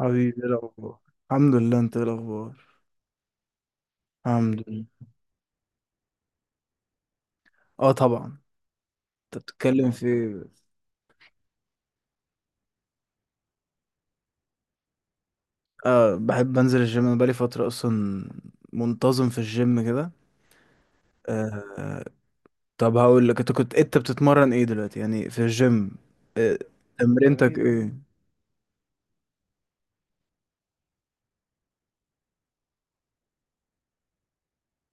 حبيبي، ايه الاخبار؟ الحمد لله. انت ايه الاخبار؟ الحمد لله. اه، طبعا. انت بتتكلم في إيه؟ آه، بحب انزل الجيم. انا بقالي فتره اصلا منتظم في الجيم كده. آه. طب هقول لك، انت بتتمرن ايه دلوقتي يعني في الجيم؟ آه. تمرينتك، تمرين.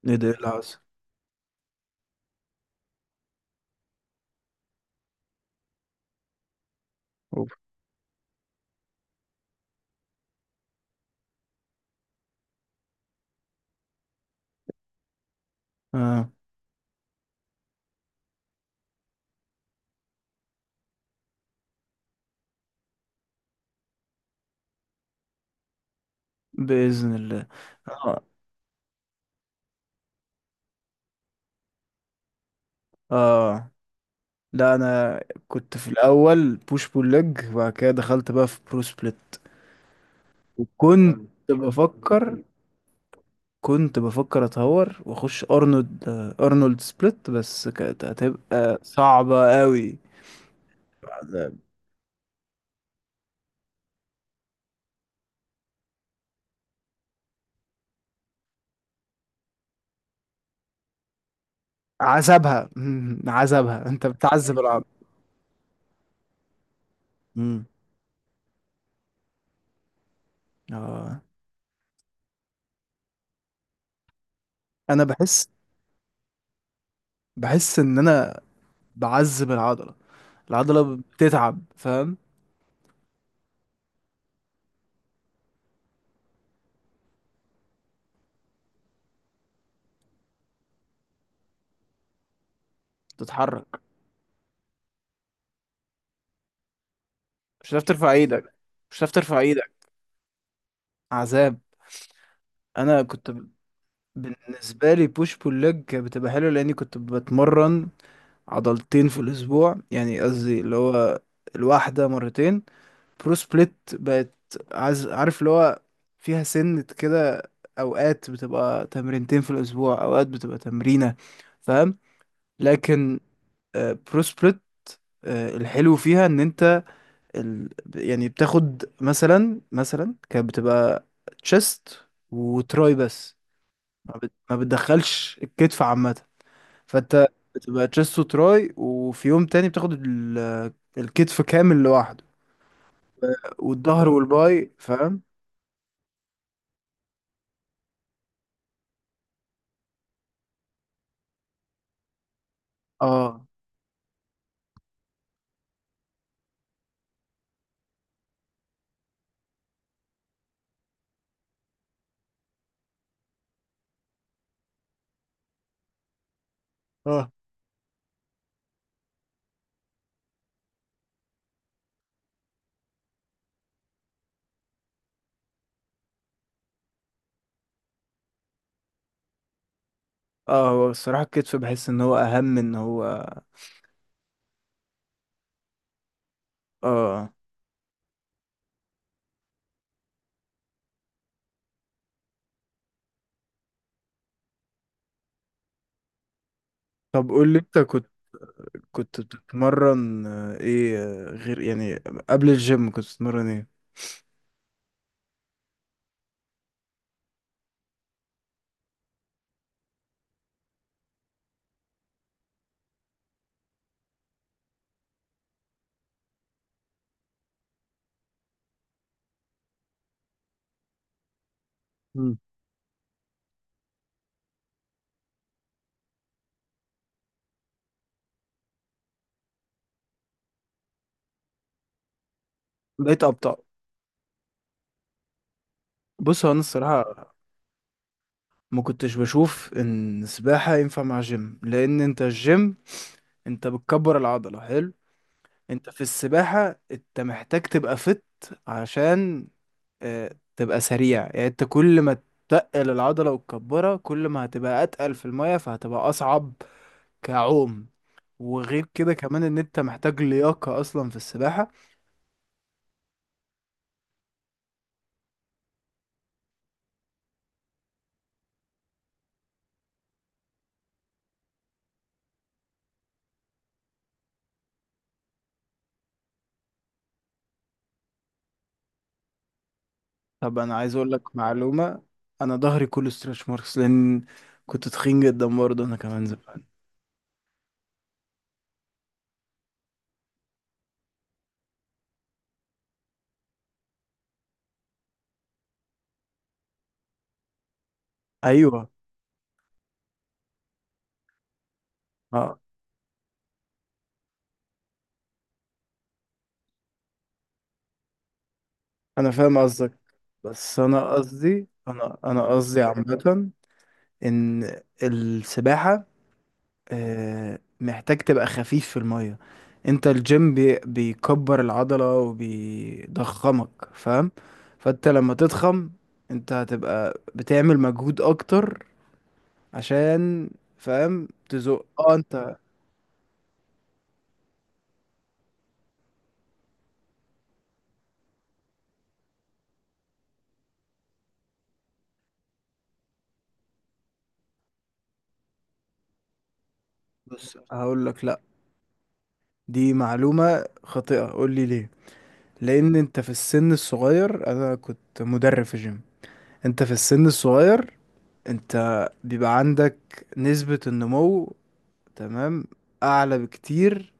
ايه ده؟ ايه اللي حصل؟ أوف. اه، باذن الله. اه. اه. لا، انا كنت في الاول بوش بول ليج، وبعد كده دخلت بقى في برو سبليت. وكنت حلو بفكر، كنت بفكر اتهور واخش ارنولد سبليت، بس كانت هتبقى صعبة قوي. عذابها عذابها. انت بتعذب العضلة. مم. اه، انا بحس. ان انا بعذب العضلة. العضلة بتتعب، فاهم؟ تتحرك. مش هتعرف ترفع ايدك. مش هتعرف ترفع ايدك. عذاب. انا كنت ب- بالنسبة لي، بوش بول ليج بتبقى حلوة لاني كنت بتمرن عضلتين في الأسبوع، يعني قصدي اللي هو الواحدة مرتين. برو سبليت بقت، عارف، اللي هو فيها سنة كده. أوقات بتبقى تمرينتين في الأسبوع، أوقات بتبقى تمرينة، فاهم؟ لكن برو سبليت، الحلو فيها إن أنت ال... يعني بتاخد مثلا. كانت بتبقى تشيست وتراي بس. ما بتدخلش الكتف عامة. فانت بتبقى تشيست وتراي، وفي يوم تاني بتاخد الكتف كامل لوحده. والظهر والباي، فاهم؟ اه اه. اه. هو الصراحة الكتف بحس ان هو اهم، ان هو. اه. طب قول لي، انت كنت، بتتمرن ايه غير يعني، قبل الجيم كنت بتتمرن ايه؟ مم. بقيت ابطأ. بص، هو انا الصراحة ما كنتش بشوف ان السباحة ينفع مع جيم. لان انت الجيم، انت بتكبر العضلة، حلو. انت في السباحة انت محتاج تبقى فت، عشان اه تبقى سريع، يعني انت كل ما تتقل العضلة وتكبرها كل ما هتبقى اتقل في المية، فهتبقى اصعب كعوم. وغير كده كمان ان انت محتاج لياقة اصلا في السباحة. طب انا عايز اقول لك معلومة. انا ظهري كله ستريتش ماركس، لان كنت تخين جدا برضه انا كمان زمان. ايوه. اه، انا فاهم قصدك. بس انا قصدي، انا قصدي عامة ان السباحة، محتاج تبقى خفيف في المية. انت الجيم بيكبر العضلة وبيضخمك، فاهم؟ فانت لما تضخم، انت هتبقى بتعمل مجهود اكتر، عشان، فاهم، تزق. اه، انت. بص، هقول لك لا، دي معلومة خاطئة. قول لي ليه. لان انت في السن الصغير، انا كنت مدرب في جيم. انت في السن الصغير، انت بيبقى عندك نسبة النمو، تمام، اعلى بكتير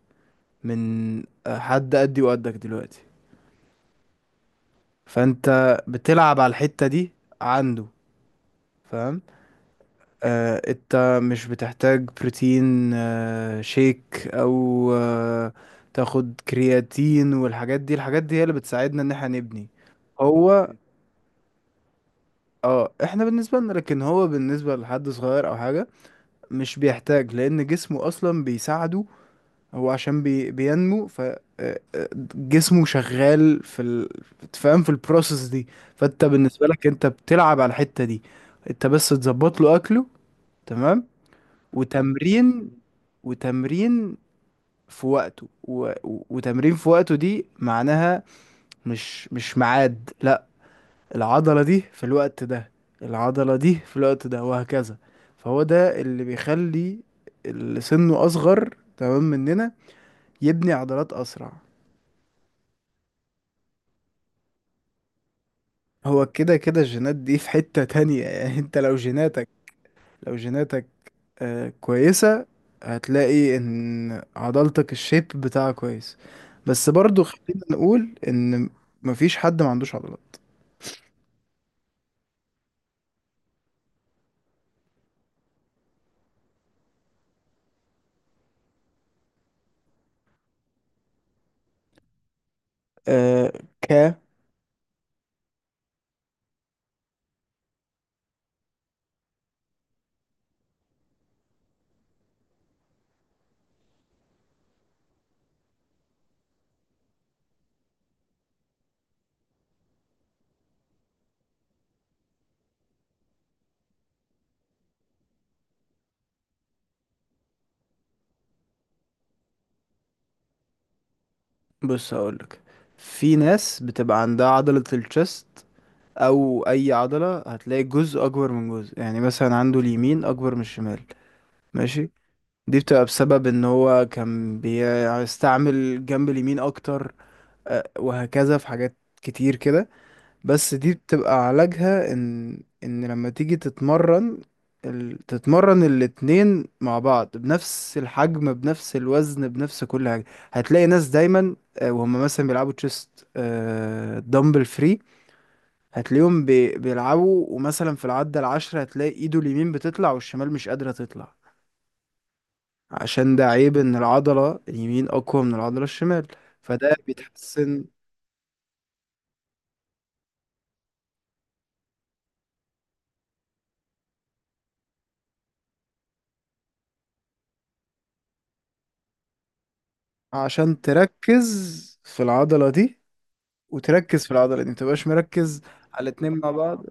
من حد قدي وقدك دلوقتي. فانت بتلعب على الحتة دي عنده، فاهم؟ آه، انت مش بتحتاج بروتين شيك، او تاخد كرياتين والحاجات دي. الحاجات دي هي اللي بتساعدنا ان احنا نبني. هو. اه، احنا بالنسبة لنا، لكن هو بالنسبة لحد صغير او حاجة مش بيحتاج، لان جسمه اصلا بيساعده. هو عشان بينمو، جسمه شغال في تفهم، في البروسيس دي. فانت بالنسبه لك، انت بتلعب على الحته دي. انت بس تظبط له اكله، تمام، وتمرين. وتمرين في وقته. وتمرين في وقته، دي معناها مش، ميعاد، لا. العضله دي في الوقت ده. العضله دي في الوقت ده، وهكذا. فهو ده اللي بيخلي اللي سنه اصغر تمام مننا يبني عضلات اسرع. هو كده كده الجينات دي في حتة تانية يعني انت لو جيناتك، لو جيناتك كويسة، هتلاقي ان عضلتك الشيب بتاعها كويس. بس برضو خلينا نقول ان مفيش حد ما عندوش عضلات. آه. ك بص، هقولك، في ناس بتبقى عندها عضلة الشست، او اي عضلة هتلاقي جزء اكبر من جزء، يعني مثلا عنده اليمين اكبر من الشمال. ماشي. دي بتبقى بسبب ان هو كان بيستعمل جنب اليمين اكتر، وهكذا في حاجات كتير كده. بس دي بتبقى علاجها ان، لما تيجي تتمرن تتمرن الاتنين مع بعض بنفس الحجم، بنفس الوزن، بنفس كل حاجة. هتلاقي ناس دايما، وهم مثلا بيلعبوا تشيست دمبل فري. هتلاقيهم بيلعبوا، ومثلا في العدة 10 هتلاقي ايده اليمين بتطلع والشمال مش قادرة تطلع. عشان ده عيب ان العضلة اليمين اقوى من العضلة الشمال. فده بيتحسن عشان تركز في العضلة دي، وتركز في العضلة دي، متبقاش مركز على الاتنين مع بعض.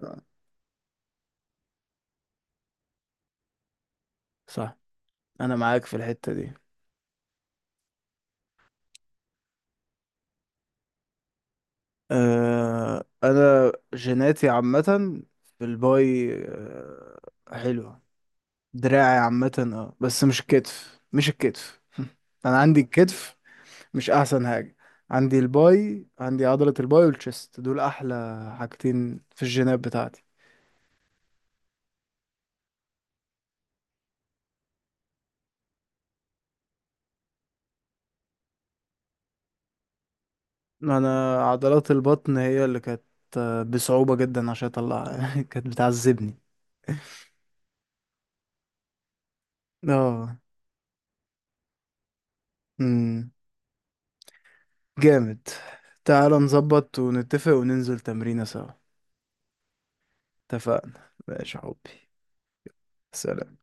صح. أنا معاك في الحتة دي. أه، أنا جيناتي عامة في الباي، أه، حلوة. دراعي عامة اه، بس مش الكتف. مش الكتف أنا عندي الكتف مش أحسن حاجة. عندي الباي، عندي عضلة الباي والتشست دول أحلى حاجتين في الجينات بتاعتي. انا عضلات البطن هي اللي كانت، بصعوبة جدا عشان اطلعها كانت بتعذبني. اه. امم. جامد. تعال نظبط ونتفق وننزل تمرينة سوا. اتفقنا، ماشي يا حبي. سلام.